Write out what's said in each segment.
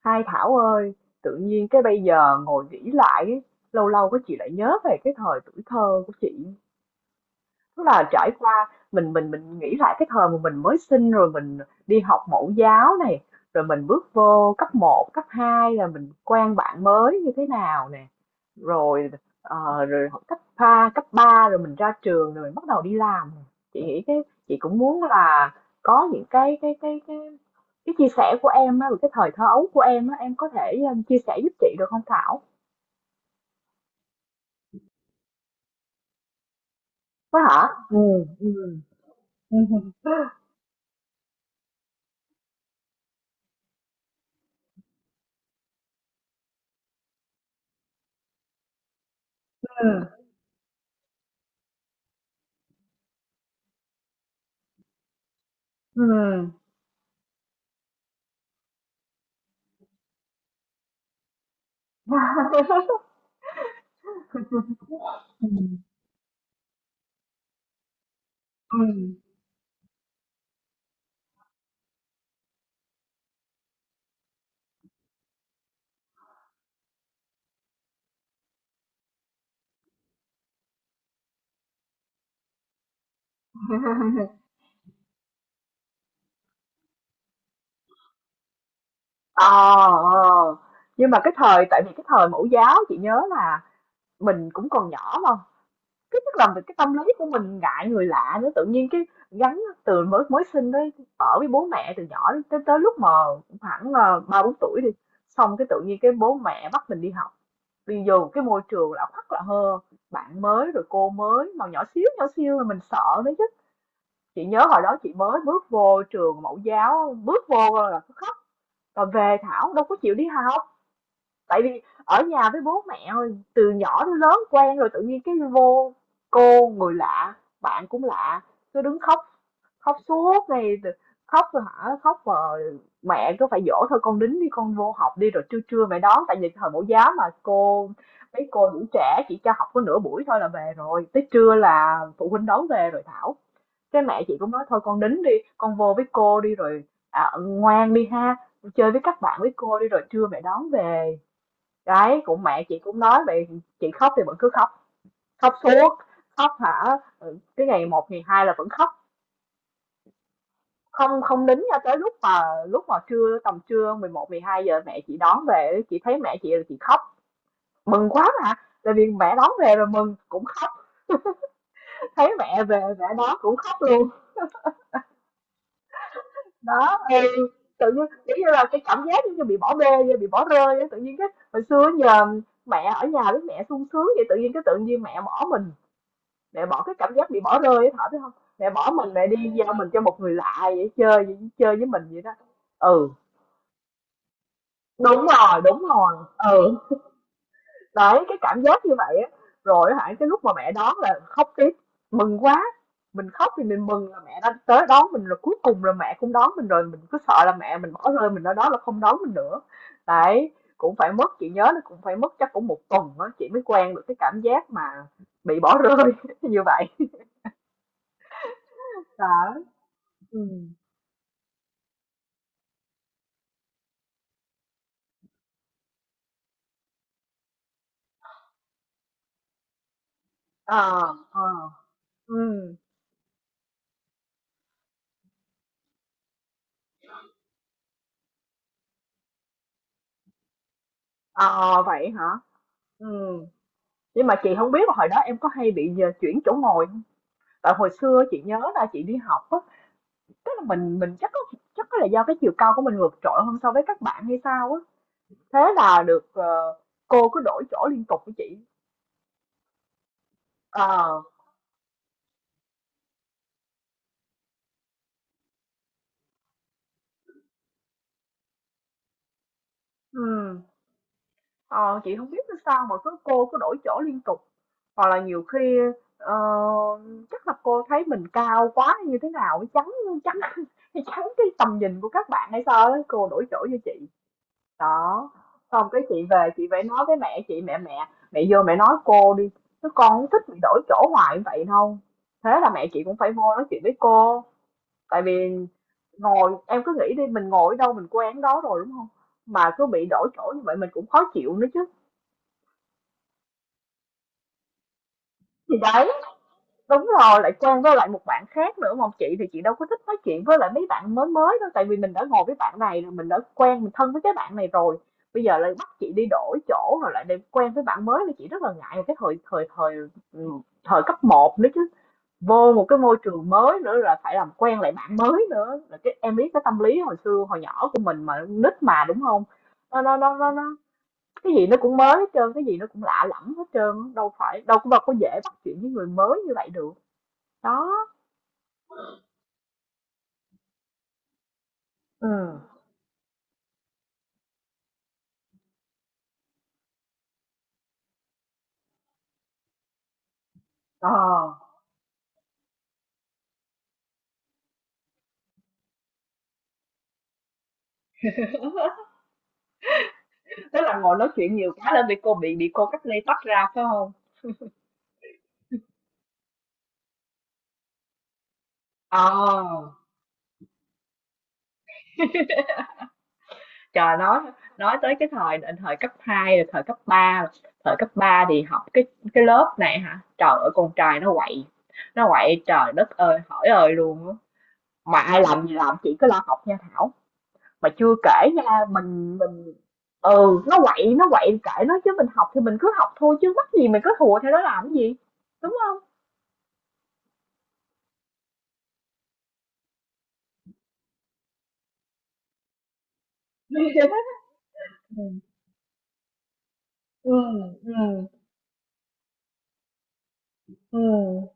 Hai Thảo ơi, tự nhiên cái bây giờ ngồi nghĩ lại, lâu lâu cái chị lại nhớ về cái thời tuổi thơ của chị. Tức là trải qua mình nghĩ lại cái thời mà mình mới sinh rồi mình đi học mẫu giáo này, rồi mình bước vô cấp 1 cấp 2 là mình quen bạn mới như thế nào nè. Rồi rồi học cấp ba rồi mình ra trường rồi mình bắt đầu đi làm. Chị nghĩ cái chị cũng muốn là có những cái chia sẻ của em á, cái thời thơ ấu của em á, em có thể chia sẻ giúp chị được không Thảo? Có hả? Ừ, ừ, ừ, ừ, ừ. Ừm. Ờ. Ờ. Nhưng mà cái thời tại vì cái thời mẫu giáo chị nhớ là mình cũng còn nhỏ mà, cái tức là mình cái tâm lý của mình ngại người lạ nữa, tự nhiên cái gắn từ mới mới sinh đấy, ở với bố mẹ từ nhỏ đến tới tới lúc mà khoảng, 3 4 tuổi đi, xong cái tự nhiên cái bố mẹ bắt mình đi học, đi vô một cái môi trường lạ hoắc lạ hơ, bạn mới rồi cô mới mà nhỏ xíu là mình sợ đấy chứ. Chị nhớ hồi đó chị mới bước vô trường mẫu giáo, bước vô là còn về Thảo đâu có chịu đi học tại vì ở nhà với bố mẹ rồi, từ nhỏ đến lớn quen rồi tự nhiên cái vô cô người lạ bạn cũng lạ cứ đứng khóc khóc suốt ngày khóc rồi hả khóc mà mẹ cứ phải dỗ thôi con đính đi con vô học đi rồi trưa trưa mẹ đón tại vì thời mẫu giáo mà mấy cô đủ trẻ chỉ cho học có nửa buổi thôi là về rồi tới trưa là phụ huynh đón về rồi Thảo cái mẹ chị cũng nói thôi con đính đi, con vô với cô đi rồi à, ngoan đi ha, chơi với các bạn với cô đi rồi trưa mẹ đón về. Đấy, cũng mẹ chị cũng nói vậy, chị khóc thì vẫn cứ khóc, khóc suốt, khóc hả? Ừ, cái ngày một ngày 2 là vẫn khóc, không không đính cho tới lúc mà trưa tầm trưa 11 12 giờ mẹ chị đón về, chị thấy mẹ chị là chị khóc, mừng quá mà. Tại vì mẹ đón về rồi mừng cũng khóc, thấy mẹ về mẹ đón cũng khóc luôn đó thì tự nhiên kiểu như là cái cảm giác giống như bị bỏ bê như bị bỏ rơi vậy. Tự nhiên cái hồi xưa nhờ mẹ ở nhà với mẹ sung sướng vậy tự nhiên cái tự nhiên mẹ bỏ mình mẹ bỏ cái cảm giác bị bỏ rơi ấy Thảo biết không mẹ bỏ mình mẹ đi giao mình cho một người lạ vậy, chơi với mình vậy đó. Ừ, đúng rồi. Ừ. Đấy, cái cảm giác như vậy á, rồi á hả, cái lúc mà mẹ đón là khóc tiếp, mừng quá, mình khóc thì mình mừng là mẹ đã tới đón mình rồi, cuối cùng là mẹ cũng đón mình rồi, mình cứ sợ là mẹ mình bỏ rơi mình ở đó là không đón mình nữa. Đấy, cũng phải mất, chị nhớ nó cũng phải mất chắc cũng một tuần á, chị mới quen được cái cảm giác mà bị bỏ rơi như vậy. Đó. Ừm. Ờ. Ờ. Ừm. Ờ, vậy hả? Ừm, nhưng mà chị không biết là hồi đó em có hay bị nhờ chuyển chỗ ngồi không? Tại hồi xưa chị nhớ là chị đi học á, tức là mình chắc có là do cái chiều cao của mình vượt trội hơn so với các bạn hay sao á. Thế là được cô cứ đổi chỗ liên tục với chị. Ờ. Ừm. Ờ, chị không biết làm sao mà cứ cô cứ đổi chỗ liên tục. Hoặc là nhiều khi ờ, chắc là cô thấy mình cao quá hay như thế nào chắn chắn chắn cái tầm nhìn của các bạn hay sao á, cô đổi chỗ cho chị. Đó, xong cái chị về chị phải nói với mẹ chị, mẹ mẹ mẹ vô mẹ nói cô đi, chứ con không thích bị đổi chỗ hoài như vậy đâu. Thế là mẹ chị cũng phải vô nói chuyện với cô, tại vì ngồi em cứ nghĩ đi mình ngồi ở đâu mình quen đó rồi đúng không? Mà cứ bị đổi chỗ như vậy mình cũng khó chịu nữa chứ. Thì đấy. Đúng rồi, lại Trang với lại một bạn khác nữa mà chị thì chị đâu có thích nói chuyện với lại mấy bạn mới mới đâu tại vì mình đã ngồi với bạn này rồi mình đã quen mình thân với cái bạn này rồi bây giờ lại bắt chị đi đổi chỗ rồi lại để quen với bạn mới thì chị rất là ngại cái thời thời thời ừ, thời cấp 1 nữa chứ vô một cái môi trường mới nữa là phải làm quen lại bạn mới nữa là cái em biết cái tâm lý hồi xưa hồi nhỏ của mình mà nít mà đúng không nó cái gì nó cũng mới hết trơn cái gì nó cũng lạ lẫm hết trơn đâu phải đâu có dễ bắt chuyện với người mới như vậy được đó. Ừ. Ờ, tức là ngồi nói chuyện nhiều quá nên bị cô bị cô cách ly tách ra phải không? Ờ, trời nói tới cái thời thời cấp 2, rồi thời cấp 3, thời cấp 3 thì học cái lớp này hả? Trời ơi con trai nó quậy. Nó quậy trời đất ơi, hỏi ơi luôn á. Mà ai làm gì làm chỉ có lo học nha Thảo. Mà chưa kể nha, mình nó quậy kệ nó chứ mình học thì mình cứ học thôi chứ mắc gì mình cứ thùa theo nó làm cái gì. Đúng không? Ừ. Ừ. Ừ. Ừm.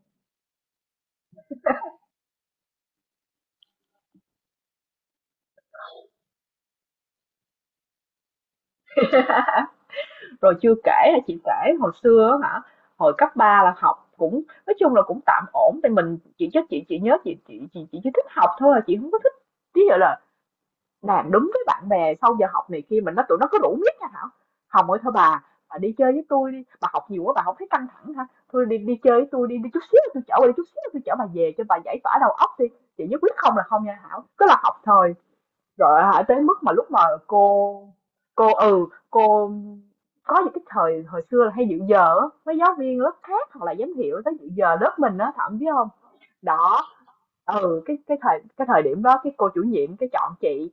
Rồi chưa kể hả, chị kể hồi xưa á hả, hồi cấp 3 là học cũng nói chung là cũng tạm ổn thì mình chị chắc chị nhớ chị chỉ thích học thôi à, chị không có thích ví dụ là làm đúng với bạn bè sau giờ học này kia mình nói tụi nó có đủ miết nha Thảo. "Hồng ơi thôi bà đi chơi với tôi đi, bà học nhiều quá bà hổng thấy căng thẳng hả? Thôi đi đi chơi với tôi đi, đi chút xíu tôi chở bà đi, chút xíu tôi chở bà về cho bà giải tỏa đầu óc đi." Chị nhất quyết không là không nha Thảo, cứ là học thôi. Rồi hả? Tới mức mà lúc mà cô cô cô có những cái thời hồi xưa là hay dự giờ á, mấy giáo viên lớp khác hoặc là giám hiệu tới dự giờ lớp mình á, thậm biết không. Đó, ừ, cái thời điểm đó cái cô chủ nhiệm cái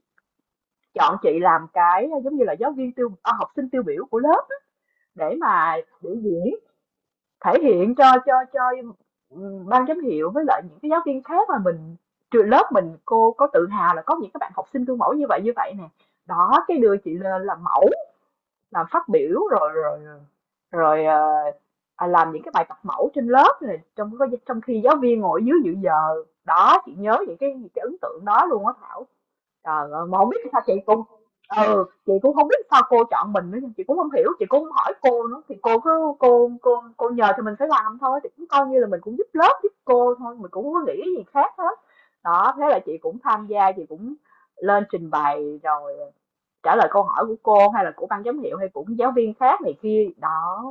chọn chị làm cái, giống như là, giáo viên tiêu à, học sinh tiêu biểu của lớp để mà biểu diễn thể hiện cho cho ban giám hiệu với lại những cái giáo viên khác mà mình trường lớp mình cô có tự hào là có những các bạn học sinh gương mẫu như vậy nè đó cái đưa chị lên làm mẫu làm phát biểu rồi rồi rồi làm những cái bài tập mẫu trên lớp này trong trong khi giáo viên ngồi dưới dự giờ đó chị nhớ những cái ấn tượng đó luôn á Thảo. Trời ơi, mà không biết tại sao chị cũng ừ, chị cũng không biết sao cô chọn mình nữa, chị cũng không hiểu, chị cũng hông hỏi cô nữa, thì cô cứ cô nhờ thì mình phải làm thôi, thì cũng coi như là mình cũng giúp lớp, giúp cô thôi, mình cũng hông có nghĩ gì khác hết. Đó, thế là chị cũng tham gia, chị cũng lên trình bày rồi trả lời câu hỏi của cô hay là của ban giám hiệu hay của giáo viên khác này kia, đó,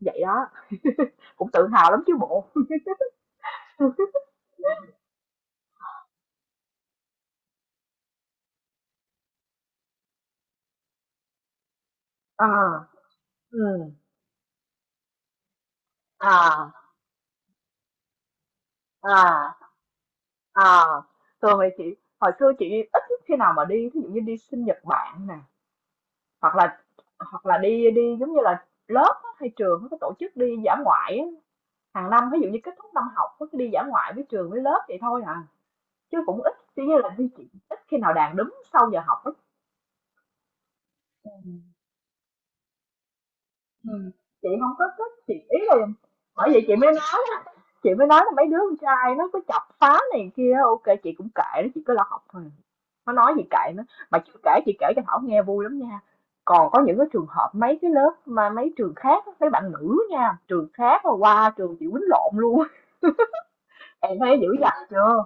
vậy đó, cũng tự hào lắm chứ bộ. Ờ. Ừm. À. À. À, thường thì chị hồi xưa chị ít khi nào mà đi thí dụ như đi sinh nhật bạn nè hoặc là hoặc là đi đi giống như là lớp á, hay trường nó có tổ chức đi dã ngoại á. Hàng năm ví dụ như kết thúc năm học có cái đi dã ngoại với trường với lớp vậy thôi à chứ cũng ít chỉ như là đi chị ít khi nào đàn đúng sau giờ học. Ừm, chị không có thích, chị ý là bởi vậy chị mới nói á, chị mới nói là mấy đứa con trai nó cứ chọc phá này kia ok chị cũng kệ nó, chị cứ lo học thôi. Nó nói gì kệ nó, mà chưa kể chị kể cho Thảo nghe vui lắm nha. Còn có những cái trường hợp mấy cái lớp mà mấy trường khác á, mấy bạn nữ nha, trường khác mà qua trường chị quýnh lộn luôn em thấy dữ dằn chưa?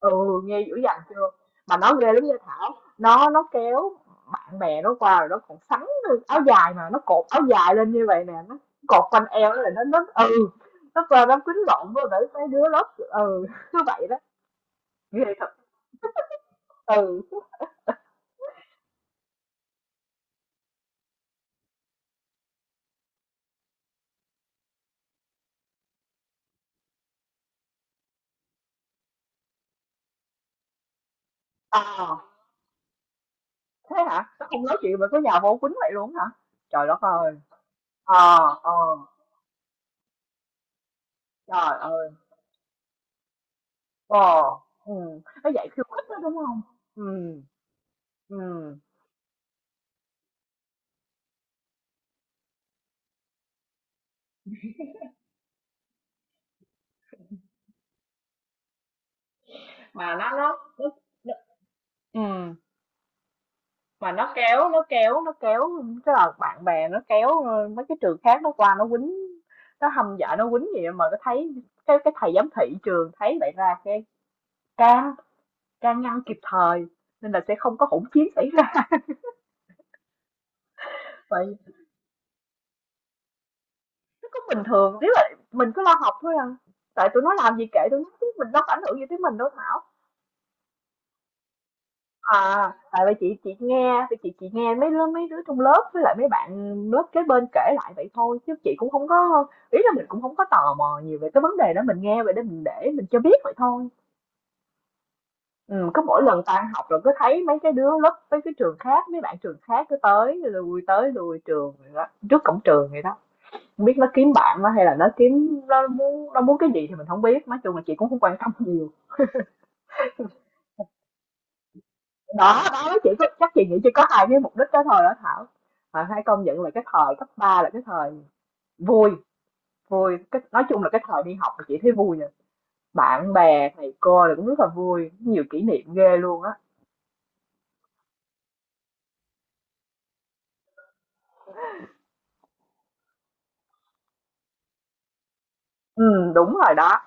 Ừ, nghe dữ dằn chưa? Mà nó ghê lắm nha Thảo. Nó kéo bạn bè nó qua rồi nó còn sắn lên áo dài mà nó cột áo dài lên như vậy nè, nó cột quanh eo nó là nó ừ, nó qua nó quýnh lộn với mấy mấy đứa lớp ừ, cứ vậy đó. Ghê thật. Ừ. À, thế hả? Nó không nói chuyện mà cứ nhào vô quýnh vậy luôn hả? Trời đất ơi. Ờ. Ờ. Trời ơi. Ờ. Ừ, nó dạy khiêu khích đó đúng không? Ừ. Ừ. Mà nó- ừ mà nó kéo tức là bạn bè nó kéo mấy cái trường khác nó qua nó quýnh nó hâm dọa nó quýnh gì mà nó thấy cái thầy giám thị trường thấy vậy ra cái can can ngăn kịp thời nên là sẽ không có hỗn chiến xảy ra vậy nó cũng bình thường nếu mà mình cứ lo học thôi à tại tụi nó làm gì kệ tụi nó chứ mình đâu có ảnh hưởng gì tới mình đâu Thảo. À, tại vì chị nghe thì chị nghe mấy lớp mấy đứa trong lớp với lại mấy bạn lớp kế bên kể lại vậy thôi chứ chị cũng không có ý là mình cũng không có tò mò nhiều về cái vấn đề đó mình nghe vậy để mình cho biết vậy thôi ừ, cứ mỗi lần tan học rồi cứ thấy mấy cái đứa lớp mấy cái trường khác mấy bạn trường khác cứ tới lui trường rồi đó, trước cổng trường vậy đó không biết nó kiếm bạn nó hay là nó kiếm nó muốn cái gì thì mình không biết nói chung là chị cũng không quan tâm nhiều đó đó chỉ có chắc chị nghĩ chỉ có hai cái mục đích đó thôi đó Thảo. À, hãy công nhận là cái thời cấp 3 là cái thời vui vui cái, nói chung là cái thời đi học là chị thấy vui nha bạn bè thầy cô là cũng rất là vui nhiều kỷ niệm ghê luôn á ừ đúng rồi đó.